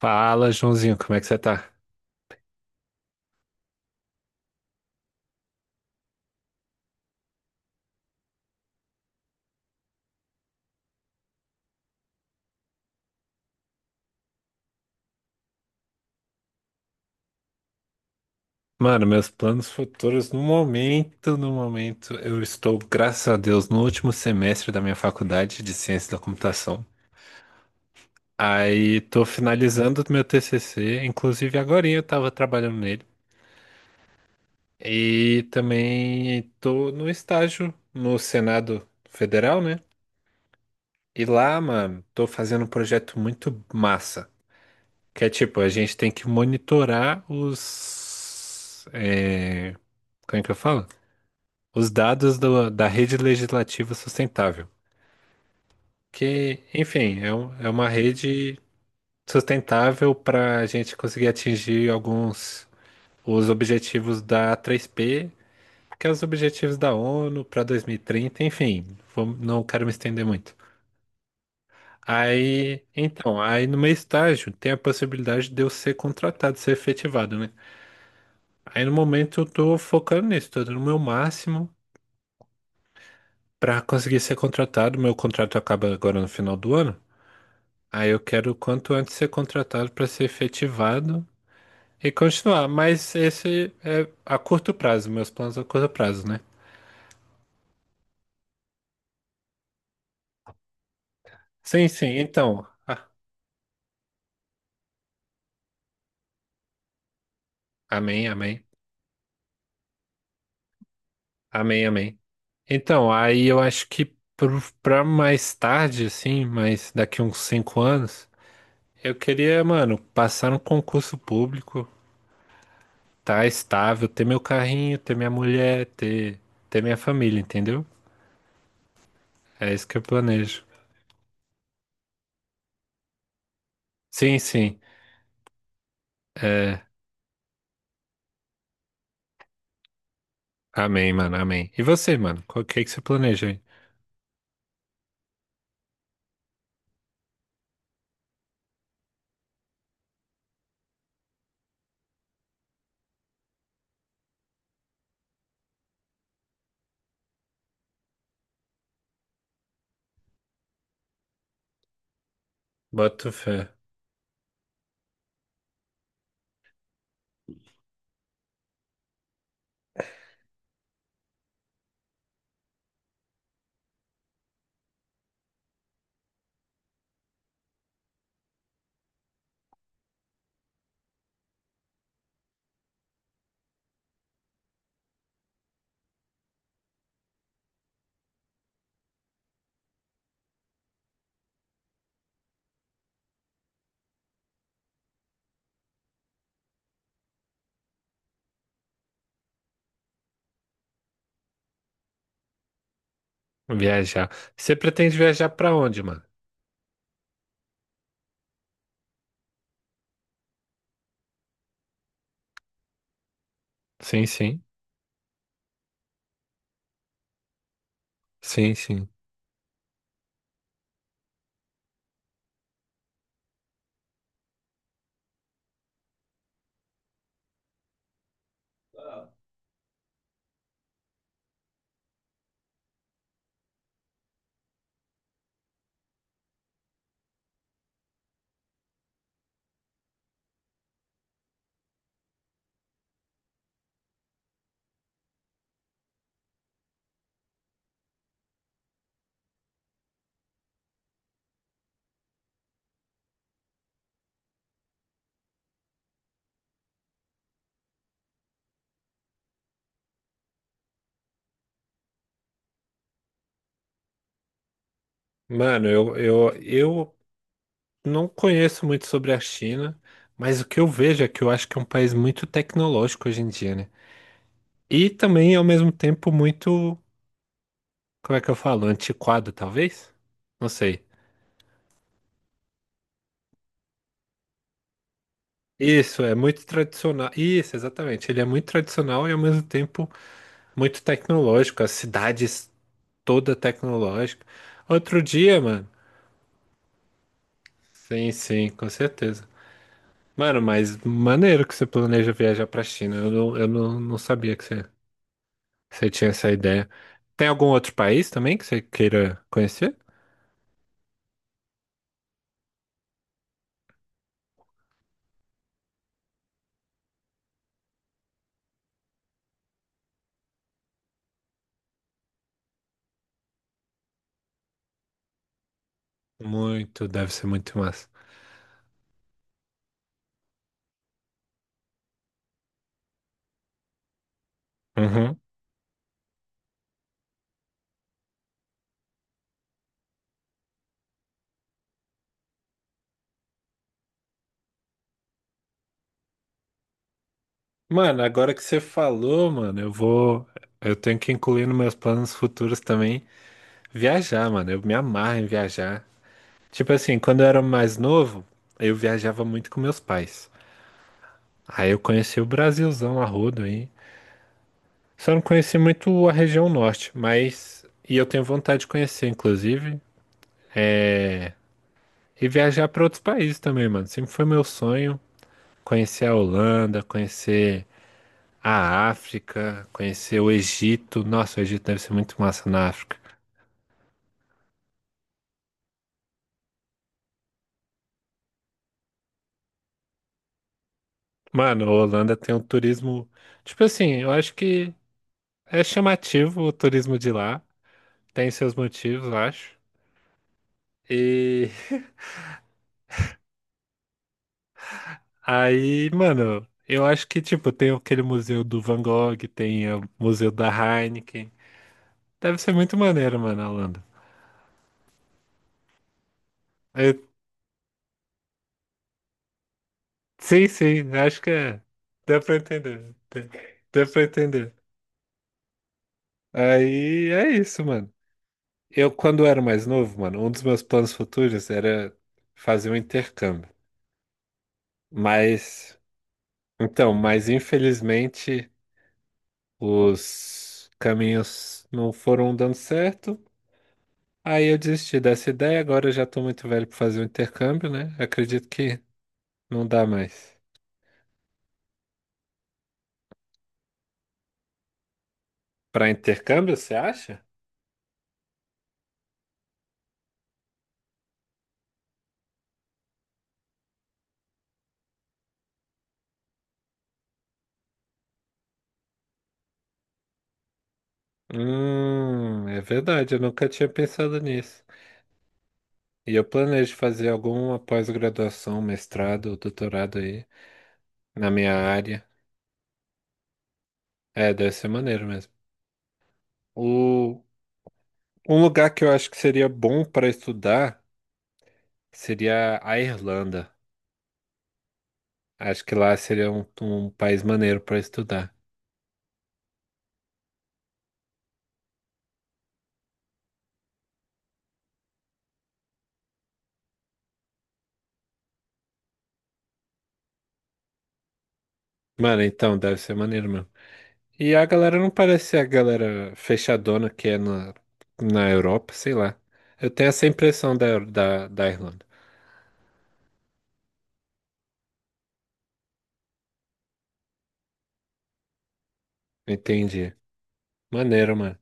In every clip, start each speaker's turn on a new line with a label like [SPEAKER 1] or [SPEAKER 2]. [SPEAKER 1] Fala, Joãozinho, como é que você tá? Mano, meus planos futuros no momento, eu estou, graças a Deus, no último semestre da minha faculdade de Ciência da Computação. Aí tô finalizando o meu TCC, inclusive agorinha eu tava trabalhando nele. E também tô no estágio no Senado Federal, né? E lá, mano, tô fazendo um projeto muito massa, que é tipo, a gente tem que monitorar os... Como é que eu falo? Os dados da Rede Legislativa Sustentável, que, enfim, é, é uma rede sustentável para a gente conseguir atingir alguns os objetivos da 3P, que é os objetivos da ONU para 2030, enfim, não quero me estender muito. Aí, então, aí no meu estágio tem a possibilidade de eu ser contratado, ser efetivado, né? Aí no momento eu tô focando nisso, tô dando o meu máximo para conseguir ser contratado. Meu contrato acaba agora no final do ano. Aí eu quero o quanto antes ser contratado para ser efetivado e continuar. Mas esse é a curto prazo, meus planos a curto prazo, né? Sim, sim. Então, amém, amém, amém, amém. Então, aí eu acho que pra mais tarde, assim, mas daqui uns cinco anos, eu queria, mano, passar no concurso público, tá estável, ter meu carrinho, ter minha mulher, ter minha família, entendeu? É isso que eu planejo. Sim, sim. É. Amém, mano, amém. E você, mano? Qual que é que você planeja aí? Bota fé. Viajar. Você pretende viajar pra onde, mano? Sim, sim. Sim, sim. Mano, eu não conheço muito sobre a China, mas o que eu vejo é que eu acho que é um país muito tecnológico hoje em dia, né? E também, ao mesmo tempo, muito, como é que eu falo? Antiquado, talvez? Não sei. Isso, é muito tradicional. Isso, exatamente. Ele é muito tradicional e, ao mesmo tempo, muito tecnológico. As cidades toda tecnológica. Outro dia, mano. Sim, sim, com certeza. Mano, mas maneiro que você planeja viajar pra China. Eu não, não sabia que você tinha essa ideia. Tem algum outro país também que você queira conhecer? Muito, deve ser muito massa. Uhum. Mano, agora que você falou, mano, eu vou. Eu tenho que incluir nos meus planos futuros também viajar, mano. Eu me amarro em viajar. Tipo assim, quando eu era mais novo, eu viajava muito com meus pais. Aí eu conheci o Brasilzão a rodo aí. Só não conheci muito a região norte, mas. E eu tenho vontade de conhecer, inclusive. É... E viajar para outros países também, mano. Sempre foi meu sonho conhecer a Holanda, conhecer a África, conhecer o Egito. Nossa, o Egito deve ser muito massa na África. Mano, a Holanda tem um turismo. Tipo assim, eu acho que é chamativo o turismo de lá. Tem seus motivos, eu acho. E Aí, mano, eu acho que, tipo, tem aquele museu do Van Gogh, tem o museu da Heineken. Deve ser muito maneiro, mano, a Holanda. É, sim, sim, acho que é. Dá pra entender. Dá pra entender. Aí é isso, mano. Eu, quando era mais novo, mano, um dos meus planos futuros era fazer um intercâmbio. Mas, mas infelizmente os caminhos não foram dando certo. Aí eu desisti dessa ideia, agora eu já tô muito velho para fazer o intercâmbio, né? Acredito que não dá mais. Para intercâmbio, você acha? É verdade, eu nunca tinha pensado nisso. E eu planejo fazer alguma pós-graduação, mestrado ou doutorado aí na minha área. É, deve ser maneiro mesmo. O, Um lugar que eu acho que seria bom para estudar seria a Irlanda. Acho que lá seria um país maneiro para estudar. Mano, então, deve ser maneiro mesmo. E a galera não parece ser a galera fechadona que é na Europa, sei lá. Eu tenho essa impressão da Irlanda. Entendi. Maneiro, mano.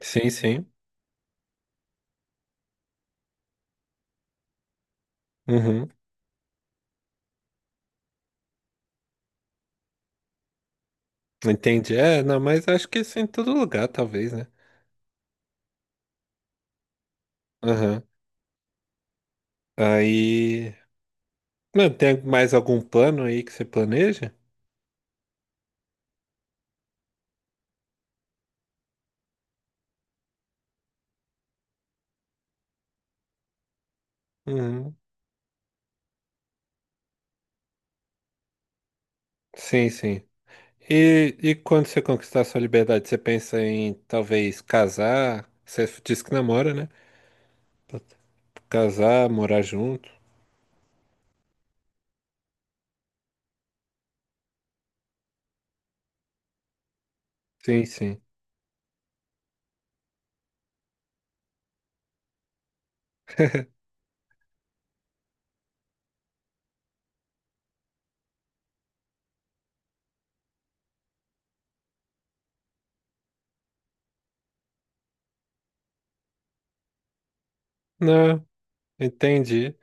[SPEAKER 1] Sim, sim. Uhum. Entendi. É, não, mas acho que isso é em todo lugar, talvez, né? Aham. Aí. Mano, tem mais algum plano aí que você planeja? Uhum. Sim, sim. E quando você conquistar sua liberdade, você pensa em talvez casar? Você disse que namora, né? Casar, morar junto. Sim, sim. Não, entendi.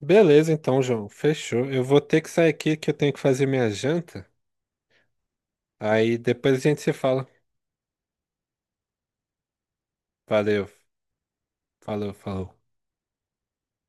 [SPEAKER 1] Beleza, então, João. Fechou. Eu vou ter que sair aqui que eu tenho que fazer minha janta. Aí depois a gente se fala. Valeu. Falou, falou.